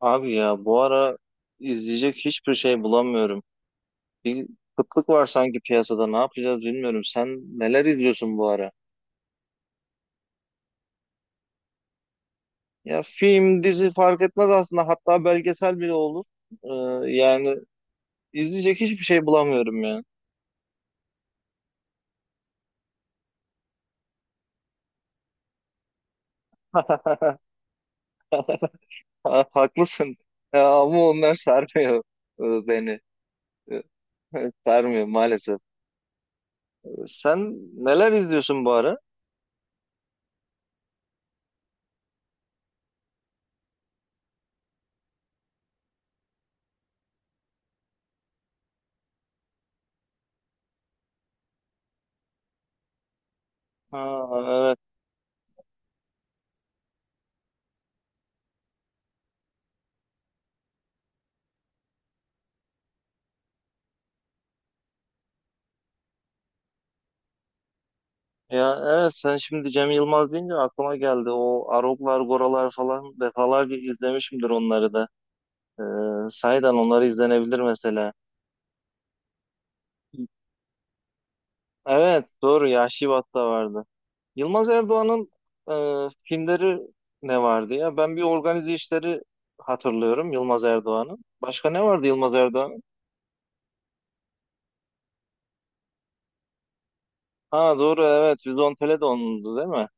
Abi ya bu ara izleyecek hiçbir şey bulamıyorum. Bir kıtlık var sanki piyasada. Ne yapacağız bilmiyorum. Sen neler izliyorsun bu ara? Ya film, dizi fark etmez aslında. Hatta belgesel bile olur. Ee, yani izleyecek hiçbir şey bulamıyorum ya. Ha, haklısın. Ya ama onlar sarmıyor beni. Sarmıyor maalesef. Sen neler izliyorsun bu ara? Ha, ya evet sen şimdi Cem Yılmaz deyince aklıma geldi. O Aroglar, Goralar falan defalarca izlemişimdir onları da. Sahiden onları izlenebilir mesela. Evet, doğru Yahşi Bat'ta vardı. Yılmaz Erdoğan'ın filmleri ne vardı ya? Ben bir organize işleri hatırlıyorum Yılmaz Erdoğan'ın. Başka ne vardı Yılmaz Erdoğan'ın? Ha, doğru, evet Vizontele de onundu değil mi?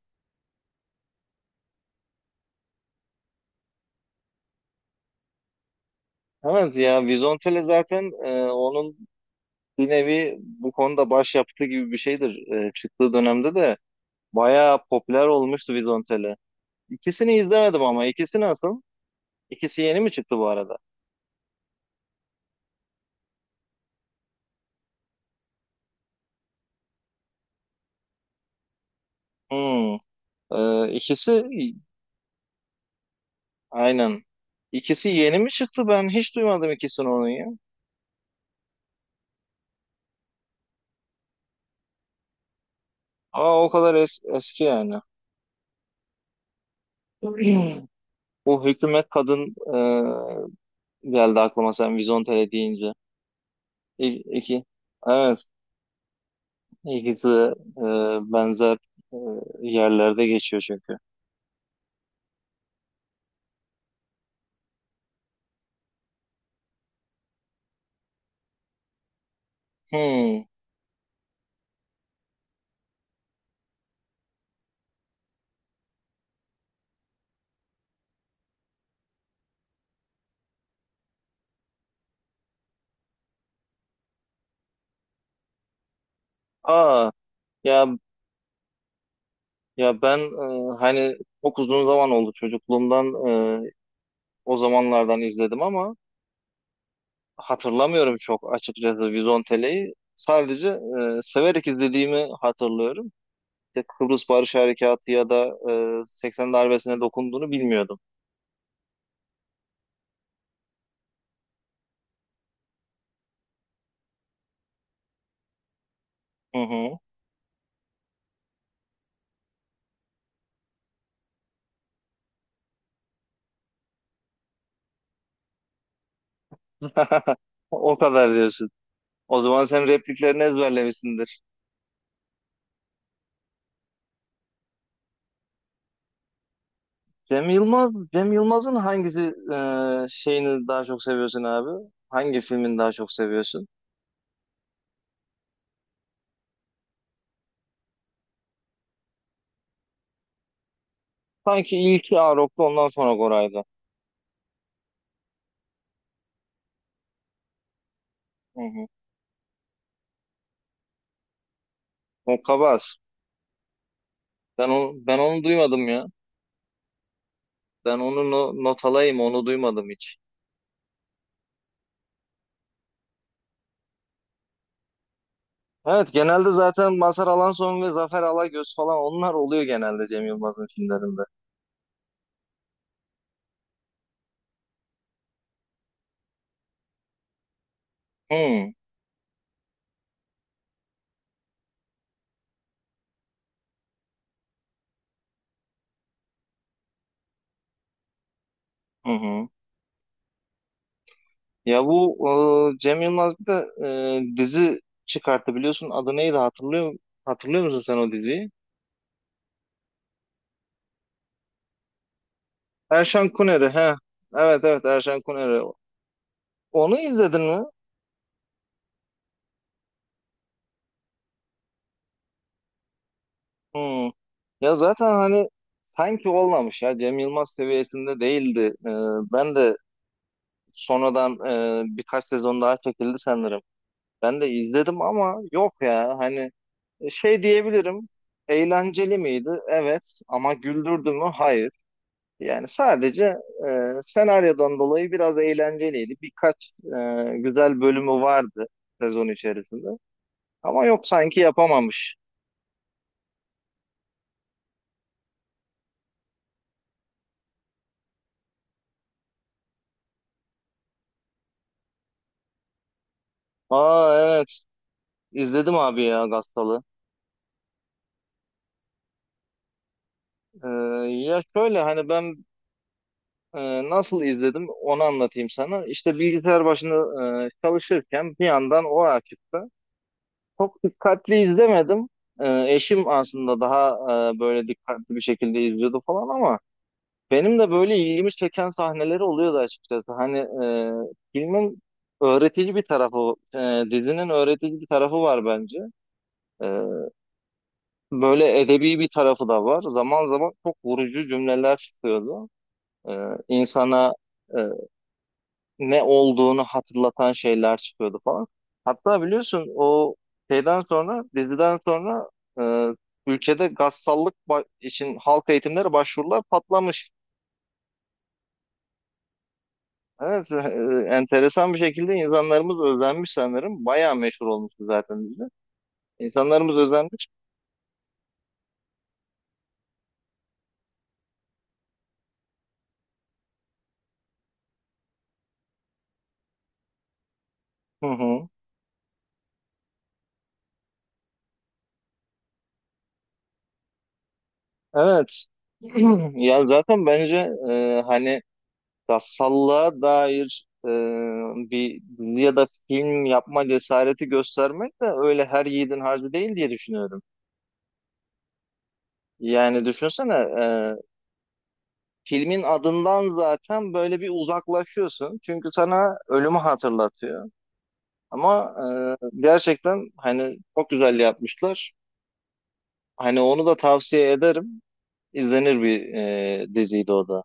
Evet ya, Vizontele zaten onun bir nevi bu konuda başyapıtı gibi bir şeydir. Çıktığı dönemde de bayağı popüler olmuştu Vizontele. İkisini izlemedim ama ikisi nasıl? İkisi yeni mi çıktı bu arada? Hmm. İkisi aynen. İkisi yeni mi çıktı? Ben hiç duymadım ikisini onun ya. Aa, o kadar eski yani. Bu hükümet kadın geldi aklıma sen Vizontele deyince. İ- iki. Evet, ikisi de, benzer e, yerlerde geçiyor çünkü. Hmm. Aa, ya ya ben hani çok uzun zaman oldu çocukluğumdan, e, o zamanlardan izledim ama hatırlamıyorum çok açıkçası Vizontele'yi. Sadece severek izlediğimi hatırlıyorum. İşte Kıbrıs Barış Harekatı ya da 80 darbesine dokunduğunu bilmiyordum. Hı hı. O kadar diyorsun. O zaman sen repliklerini ezberlemişsindir. Cem Yılmaz'ın hangisi şeyini daha çok seviyorsun abi? Hangi filmini daha çok seviyorsun? Sanki ilki Arok'tu, ondan sonra Goray'dı. Hı hı. O Kabas. Ben onu duymadım ya. Ben onu not alayım, onu duymadım hiç. Evet, genelde zaten Mazhar Alanson ve Zafer Alagöz falan onlar oluyor genelde Cem Yılmaz'ın filmlerinde. Hı hı. Hı. Ya bu Cem Yılmaz bir de dizi çıkarttı, biliyorsun adı neydi, hatırlıyor musun sen o diziyi? Erşan Kuneri he. Evet, evet Erşan Kuneri. Onu izledin mi? Hmm. Ya zaten hani sanki olmamış ya, Cem Yılmaz seviyesinde değildi. Ee, ben de sonradan, birkaç sezon daha çekildi sanırım. Ben de izledim ama yok ya, hani şey diyebilirim. Eğlenceli miydi? Evet. Ama güldürdü mü? Hayır. Yani sadece senaryodan dolayı biraz eğlenceliydi. Birkaç güzel bölümü vardı sezon içerisinde. Ama yok, sanki yapamamış. Aa, evet, izledim abi ya Gastal'ı. Ee, ya şöyle hani ben, nasıl izledim onu anlatayım sana. İşte bilgisayar başında çalışırken bir yandan o açıktı. Çok dikkatli izlemedim. Eşim aslında daha böyle dikkatli bir şekilde izliyordu falan, ama benim de böyle ilgimi çeken sahneleri oluyordu açıkçası. Hani filmin öğretici bir tarafı, dizinin öğretici bir tarafı var bence. Ee, böyle edebi bir tarafı da var. Zaman zaman çok vurucu cümleler çıkıyordu. İnsana e, ne olduğunu hatırlatan şeyler çıkıyordu falan. Hatta biliyorsun o şeyden sonra, diziden sonra, e, ülkede gassallık için halk eğitimleri başvurular patlamış. Evet, enteresan bir şekilde insanlarımız özenmiş sanırım. Bayağı meşhur olmuştu zaten dizi. İnsanlarımız özenmiş. Hı hı. Evet. Ya zaten bence, hani Gassallığa dair, bir dizi ya da film yapma cesareti göstermek de öyle her yiğidin harcı değil, diye düşünüyorum. Yani düşünsene, filmin adından zaten böyle bir uzaklaşıyorsun. Çünkü sana ölümü hatırlatıyor. Ama gerçekten hani çok güzel yapmışlar. Hani onu da tavsiye ederim. İzlenir bir diziydi o da.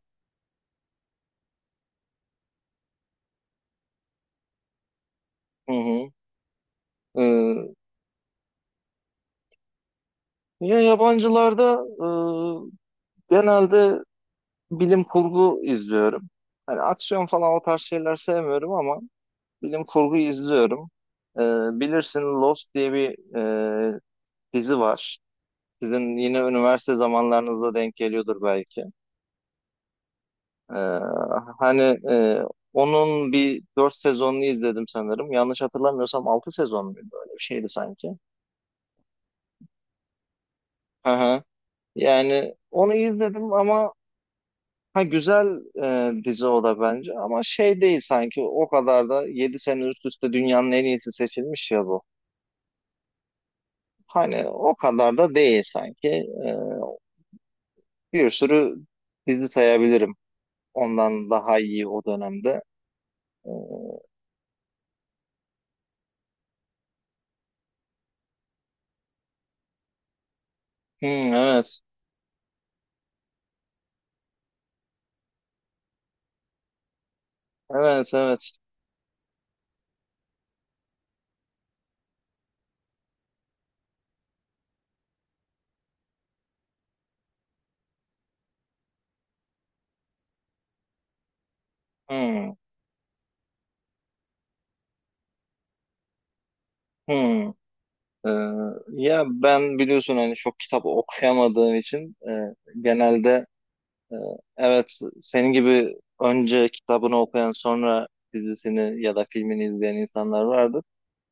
Hı hı. E, ya, yabancılarda genelde bilim kurgu izliyorum. Hani aksiyon falan, o tarz şeyler sevmiyorum ama bilim kurgu izliyorum. Ee, bilirsin Lost diye bir, e, dizi var. Sizin yine üniversite zamanlarınıza denk geliyordur belki. Ee, hani, e, onun bir dört sezonunu izledim sanırım. Yanlış hatırlamıyorsam altı sezon muydu? Öyle bir şeydi sanki. Hı hı. Yani onu izledim ama, ha güzel dizi o da bence, ama şey değil sanki, o kadar da 7 sene üst üste dünyanın en iyisi seçilmiş ya bu. Hani o kadar da değil sanki. Bir sürü dizi sayabilirim ondan daha iyi o dönemde. E, hmm, evet, evet, evet. Hmm, hmm. E, ya ben biliyorsun hani çok kitap okuyamadığım için, genelde Ee, evet, senin gibi önce kitabını okuyan, sonra dizisini ya da filmini izleyen insanlar vardır.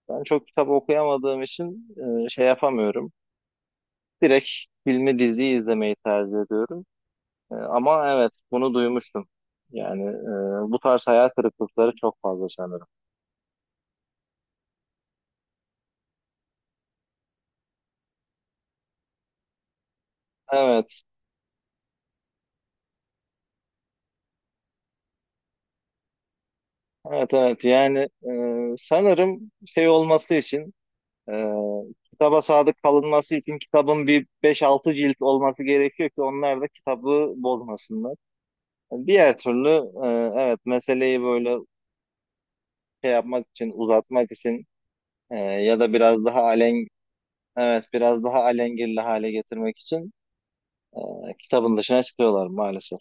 Ben çok kitap okuyamadığım için şey yapamıyorum. Direkt filmi, diziyi izlemeyi tercih ediyorum. Ama evet, bunu duymuştum. Yani bu tarz hayal kırıklıkları çok fazla sanırım. Evet, evet, evet. Yani sanırım şey olması için, Ee, kitaba sadık kalınması için kitabın bir beş altı cilt olması gerekiyor ki onlar da kitabı bozmasınlar. Yani diğer türlü, e, evet, meseleyi böyle şey yapmak için, uzatmak için, ya da biraz daha alen evet, biraz daha alengirli hale getirmek için, kitabın dışına çıkıyorlar maalesef.